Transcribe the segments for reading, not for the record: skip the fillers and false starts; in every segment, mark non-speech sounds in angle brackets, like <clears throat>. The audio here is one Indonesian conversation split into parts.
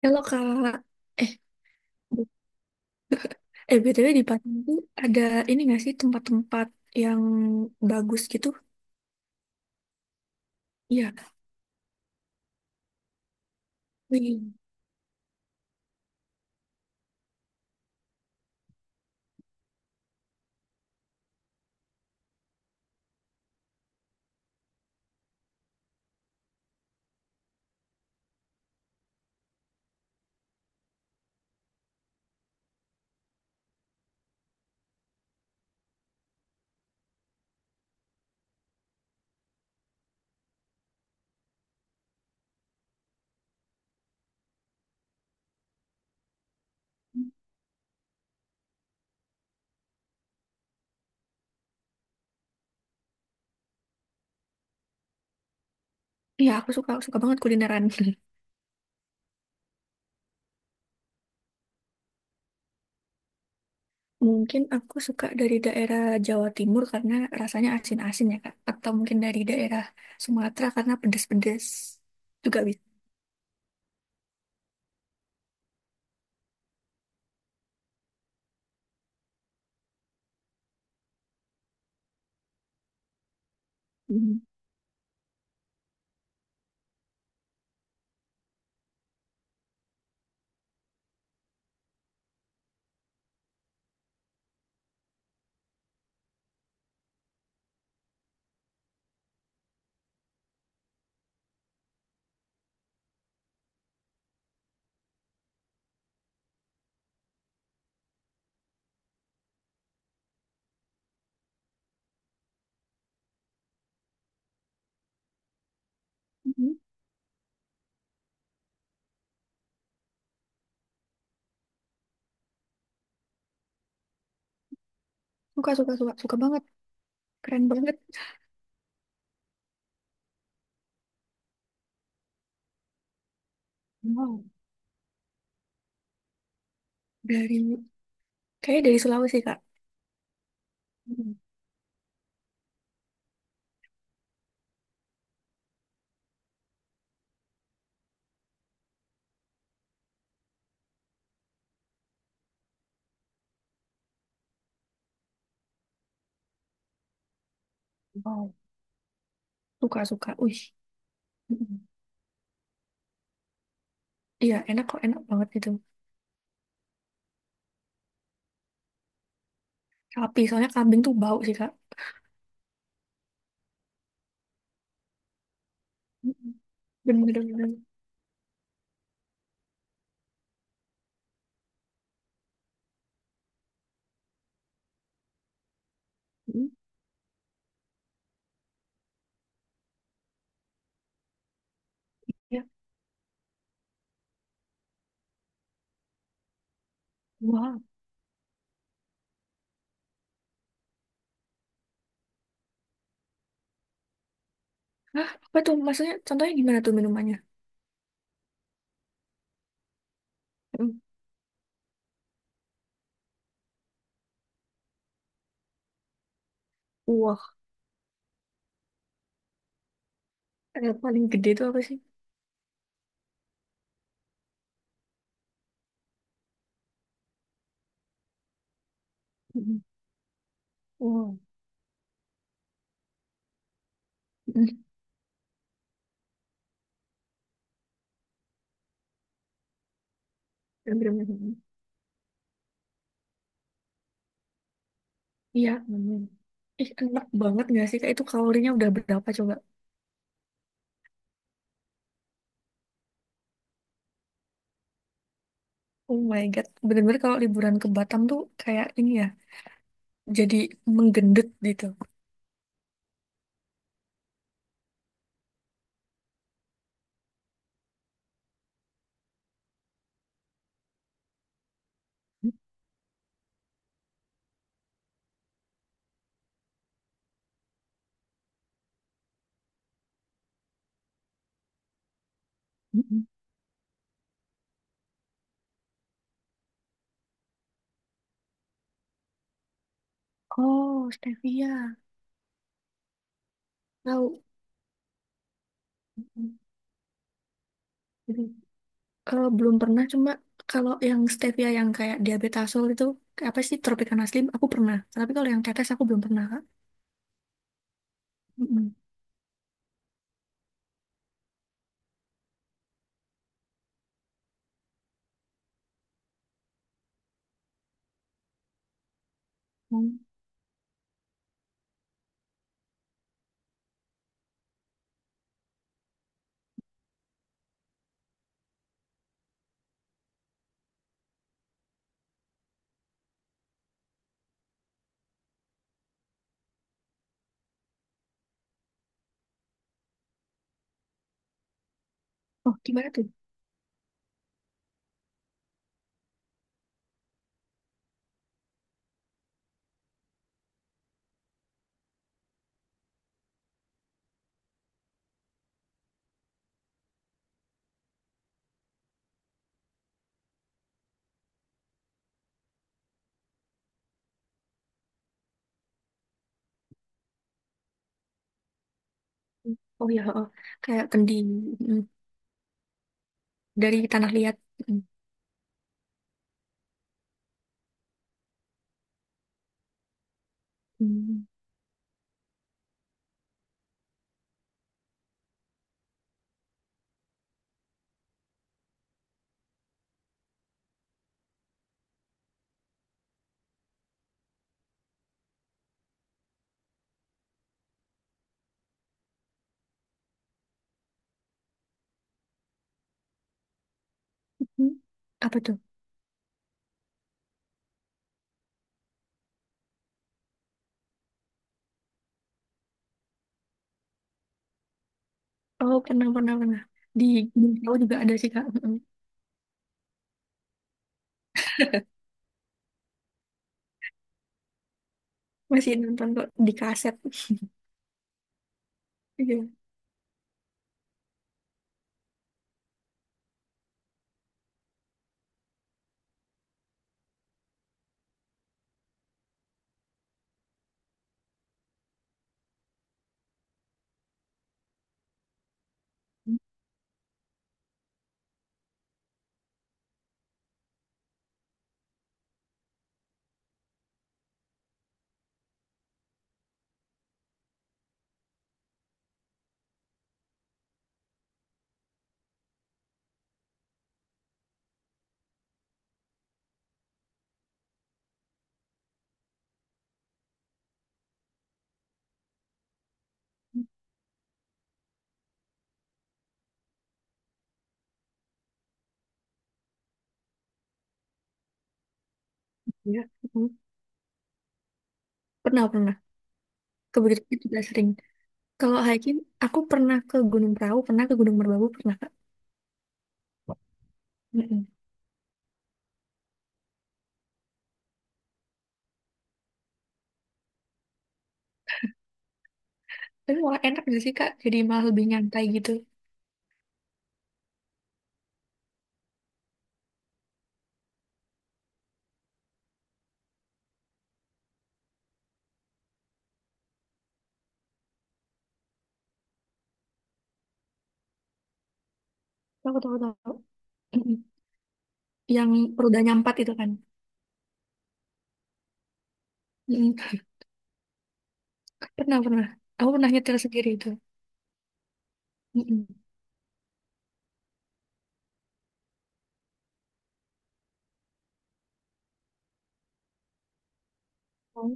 Kalau Kak, eh, bu- eh BTW di Padang tuh ada ini nggak sih tempat-tempat yang bagus gitu? Iya, wih. Iya aku suka, suka banget kulineran. <laughs> Mungkin aku suka dari daerah Jawa Timur karena rasanya asin-asin ya Kak. Atau mungkin dari daerah Sumatera karena pedes-pedes juga bisa. Mhm. Mhm. Suka, suka, suka, suka banget. Keren banget. Wow. Dari, Kayaknya dari Sulawesi Kak. Mhm. Wow. Suka, suka. Wih. Mhm. Iya, enak kok, enak banget itu. Sapi, soalnya kambing tuh bau sih, Kak. Mm-mm. Bener, bener. Bener. Mm. Ya, wah. Hah, apa tuh? Maksudnya contohnya gimana tuh minumannya? Mm. Wah. Yang paling gede tuh apa sih? Mm. Wah. Mm. Bener-bener. Iya. Bener. Ih, enak banget gak sih? Kak itu kalorinya udah berapa coba? Oh my God. Bener-bener kalau liburan ke Batam tuh kayak ini ya. Jadi menggendut gitu. Mm. Mm. Oh, stevia. Tahu. Mm-mm. Eh, belum pernah, cuma kalau yang stevia yang kayak diabetasol itu, kayak apa sih, tropicana slim, aku pernah. Tapi kalau yang tetes aku belum pernah, Kak. Mm-mm. Hmm. Oh, gimana tuh? Oh ya, oh. Kayak kendi mm, dari tanah liat. Mm. Mm. Mm. Apa tuh? Oh, pernah, pernah, pernah. Di Minangkabau juga ada sih, Kak. Masih nonton kok di kaset. Iya. Mm. Iya. Mm. Pernah, pernah. Kebegitu juga sering. Kalau hiking, aku pernah ke Gunung Prau, pernah ke Gunung Merbabu, pernah, Kak. Mm. Tapi malah enak gak sih Kak? Jadi malah lebih nyantai gitu. Tahu, tahu, tahu. <clears throat> Mm-mm. Yang rodanya empat itu kan. Mm-mm. <laughs> Pernah, pernah. Aku pernah nyetir sendiri itu. Mm-mm. Oh,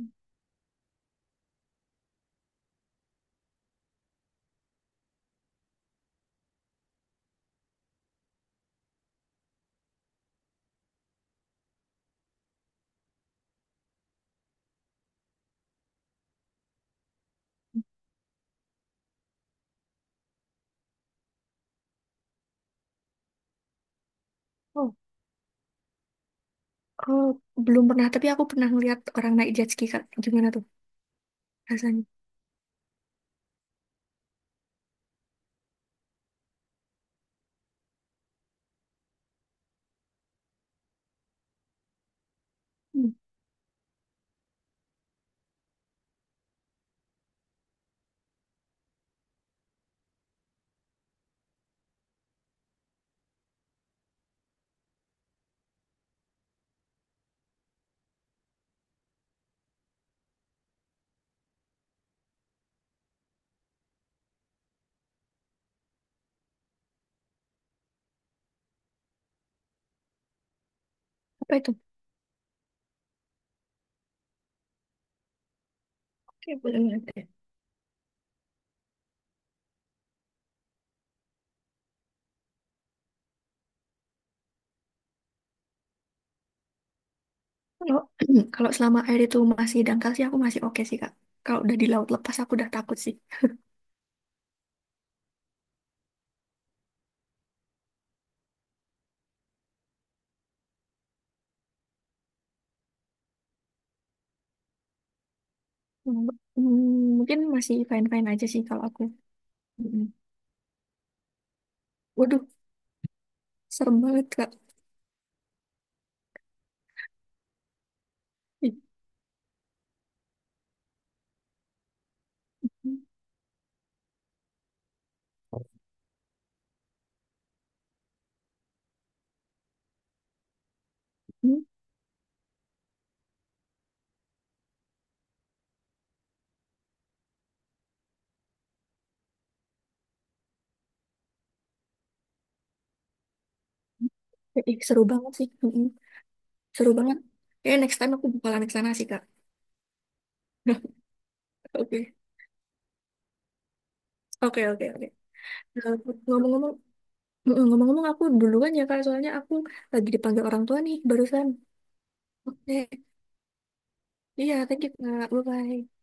oh. Oh, belum pernah. Tapi aku pernah ngeliat orang naik jet ski Kak. Gimana tuh rasanya? Hmm. Apa itu? Oke, boleh banget ya. Kalau <clears throat> kalau selama air itu masih dangkal sih aku masih oke sih Kak. Kalau udah di laut lepas aku udah takut sih. Hmm, hmm, mungkin masih fine-fine aja sih kalau aku. Mm-mm. Waduh, serem banget Kak. Ih. Hmm. Ih, seru banget sih. Mm-mm. Seru banget. Kayaknya next time aku bakalan ke sana sih, Kak. <laughs> Oke. Oke, oke, oke. Nah, Ngomong-ngomong, ngomong-ngomong aku duluan ya, Kak. Soalnya aku lagi dipanggil orang tua nih, barusan. Oke. Iya, thank you, Kak. Bye-bye.